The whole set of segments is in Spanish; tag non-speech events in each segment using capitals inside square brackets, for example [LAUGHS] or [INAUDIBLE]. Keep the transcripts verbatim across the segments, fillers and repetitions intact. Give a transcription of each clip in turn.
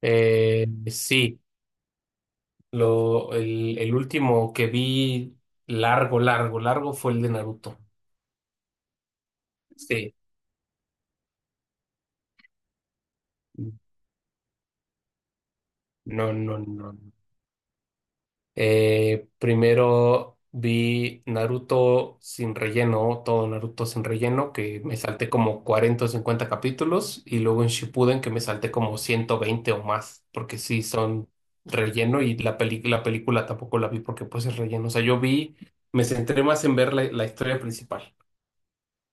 Eh, sí, lo, el, el último que vi largo, largo, largo fue el de Naruto. Sí, no, no, no. Eh, primero vi Naruto sin relleno, todo Naruto sin relleno, que me salté como cuarenta o cincuenta capítulos, y luego en Shippuden que me salté como ciento veinte o más, porque sí son relleno y la peli- la película tampoco la vi porque pues es relleno. O sea, yo vi, me centré más en ver la la historia principal.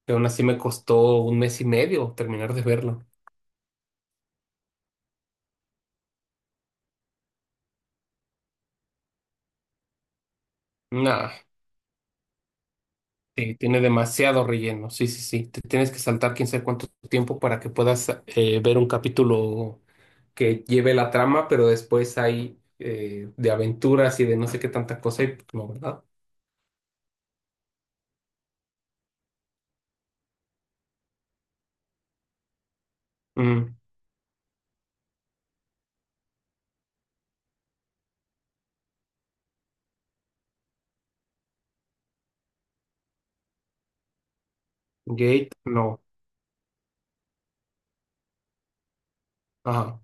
Que aún así me costó un mes y medio terminar de verlo. Nah, sí, tiene demasiado relleno. Sí, sí, sí. Te tienes que saltar quién sabe cuánto tiempo para que puedas eh, ver un capítulo que lleve la trama, pero después hay eh, de aventuras y de no sé qué tanta cosa y pues, no, ¿verdad? Mm, Gate, no. Ajá,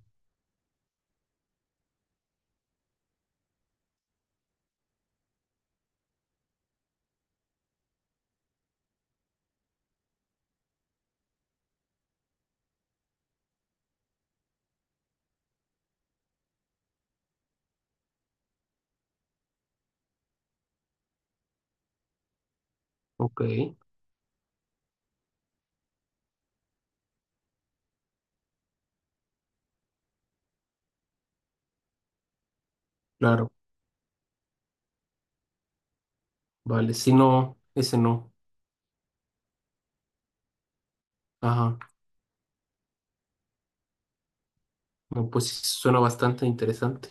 ok, claro, vale. Si no, ese no. Ajá, no, pues sí, suena bastante interesante.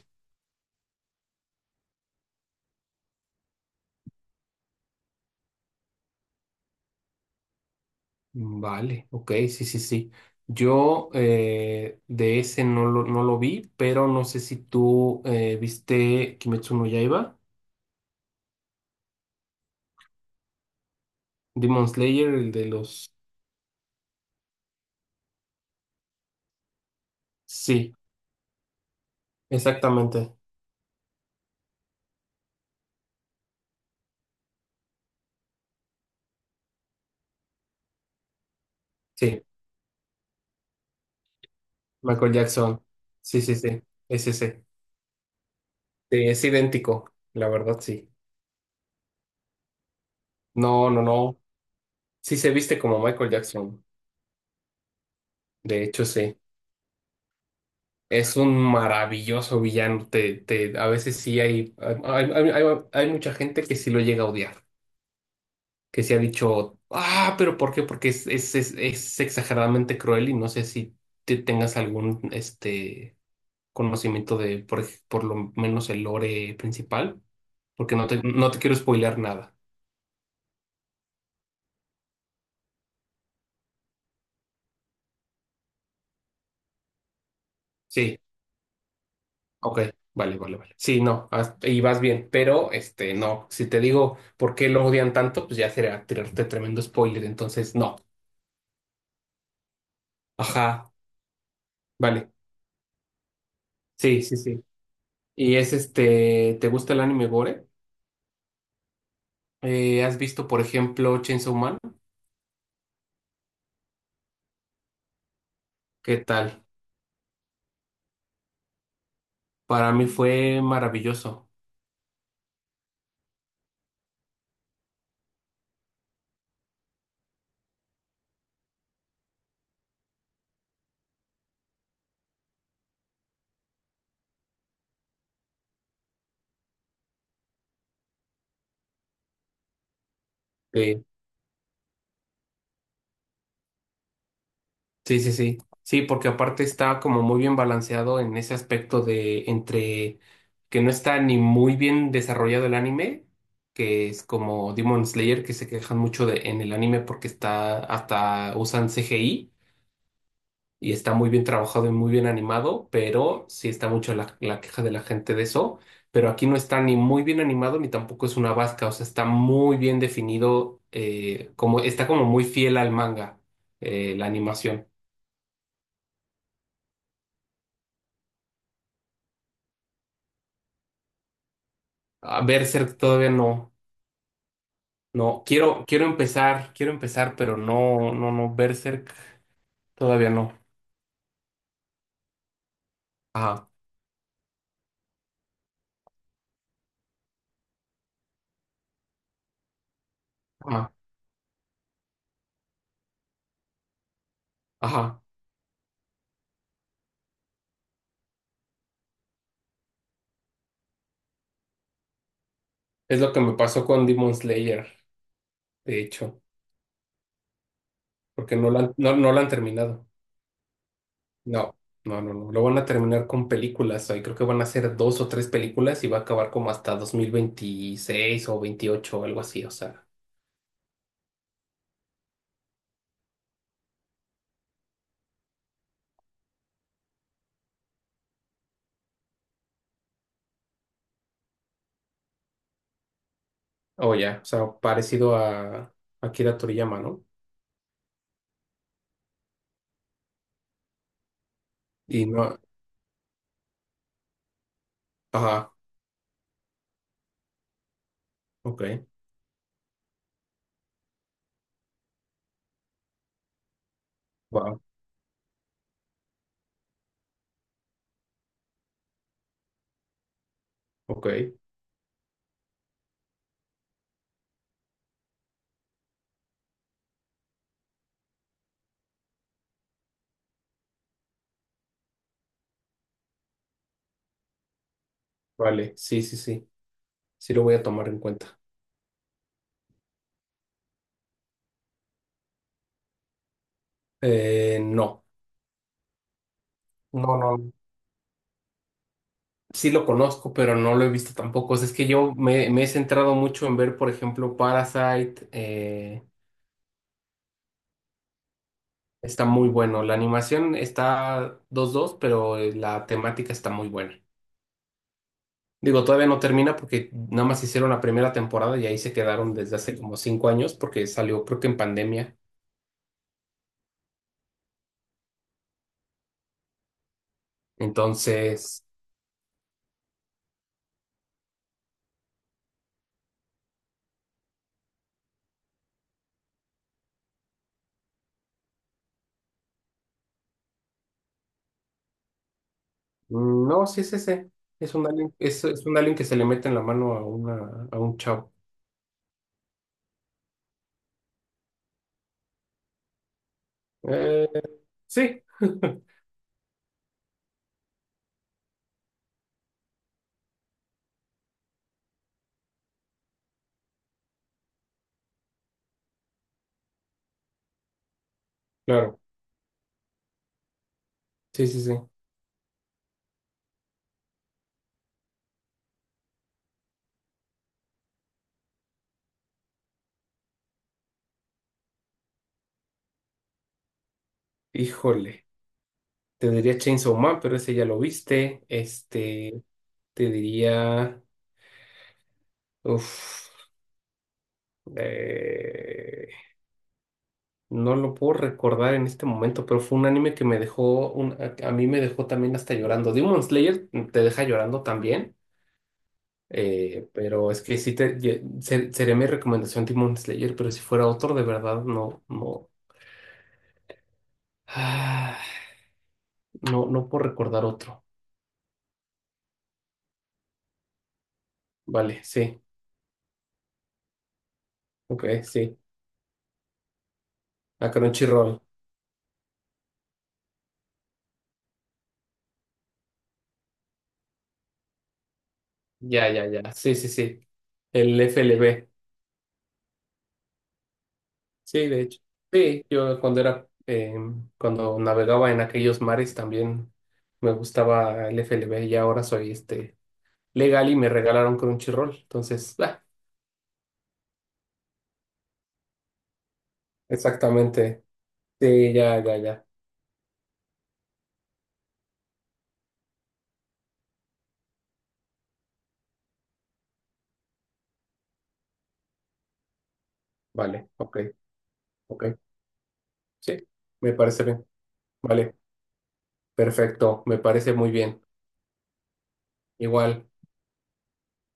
Vale, ok, sí, sí, sí. Yo eh, de ese no lo, no lo vi, pero no sé si tú eh, viste Kimetsu no Yaiba, Demon Slayer, el de los... Sí, exactamente, sí, Michael Jackson. Sí, sí, sí, es ese. Sí, es idéntico, la verdad, sí. No, no, no. Sí se viste como Michael Jackson, de hecho, sí. Es un maravilloso villano. Te, te, a veces sí hay, hay, hay hay- hay mucha gente que sí lo llega a odiar. Que se ha dicho, ah, pero ¿por qué? Porque es, es, es, es exageradamente cruel y no sé si te tengas algún este, conocimiento de, por, ej- por lo menos, el lore principal, porque no te, no te quiero spoilear nada. Sí, ok, vale, vale, vale. Sí, no, haz- y vas bien, pero este, no, si te digo por qué lo odian tanto, pues ya sería tirarte tremendo spoiler, entonces no. Ajá, vale, sí, sí, sí. Y es este, ¿te gusta el anime gore? Eh, ¿has visto, por ejemplo, Chainsaw Man? ¿Qué tal? Para mí fue maravilloso. Sí, sí, sí. Sí, sí, porque aparte está como muy bien balanceado en ese aspecto de entre que no está ni muy bien desarrollado el anime, que es como Demon Slayer, que se quejan mucho de, en el anime porque está hasta usan C G I. Y está muy bien trabajado y muy bien animado, pero sí está mucho la, la queja de la gente de eso. Pero aquí no está ni muy bien animado ni tampoco es una vasca, o sea, está muy bien definido, eh, como, está como muy fiel al manga, eh, la animación. A Berserk todavía no, no, quiero, quiero empezar, quiero empezar, pero no, no, no, Berserk todavía no. Ajá, ajá, ajá. Es lo que me pasó con Demon Slayer, de hecho, porque no la, han- no, no la han terminado. No, no, no, no. Lo van a terminar con películas. Ahí creo que van a ser dos o tres películas y va a acabar como hasta dos mil veintiséis o veintiocho o algo así. O sea, o ya, o sea, parecido a Akira Toriyama, ¿no? Y no, ajá, ok, wow, ok, vale, sí, sí, sí. Sí lo voy a tomar en cuenta. Eh, no, no, no. No. Sí lo conozco, pero no lo he visto tampoco. O sea, es que yo me, me he centrado mucho en ver, por ejemplo, Parasite, eh, Está muy bueno. La animación está dos dos pero eh, la temática está muy buena. Digo, todavía no termina porque nada más hicieron la primera temporada y ahí se quedaron desde hace como cinco años porque salió creo que en pandemia. Entonces, mm, no, sí es ese. Es un alien, es, es un alien que se le mete en la mano a una, a un chavo. Eh, sí, [LAUGHS] claro. Sí, sí, sí. Híjole. Te diría Chainsaw Man, pero ese ya lo viste. Este, te diría. Uf. Eh, no lo puedo recordar en este momento, pero fue un anime que me dejó, un- a, a mí me dejó también hasta llorando. Demon Slayer te deja llorando también, eh, pero es que sí te, ye- se- sería mi recomendación Demon Slayer, pero si fuera otro de verdad, no, no, ah, no, no puedo recordar otro. Vale, sí, ok, sí. A Crunchyroll. Ya, ya, ya. Sí, sí, sí. El F L B. Sí, de hecho. Sí, yo cuando era, eh, cuando navegaba en aquellos mares también me gustaba el F L F L B y ahora soy este legal y me regalaron Crunchyroll. Entonces, ah, exactamente. Sí, ya, ya, ya. Vale, ok, ok. Sí, me parece bien. Vale, perfecto, me parece muy bien. Igual.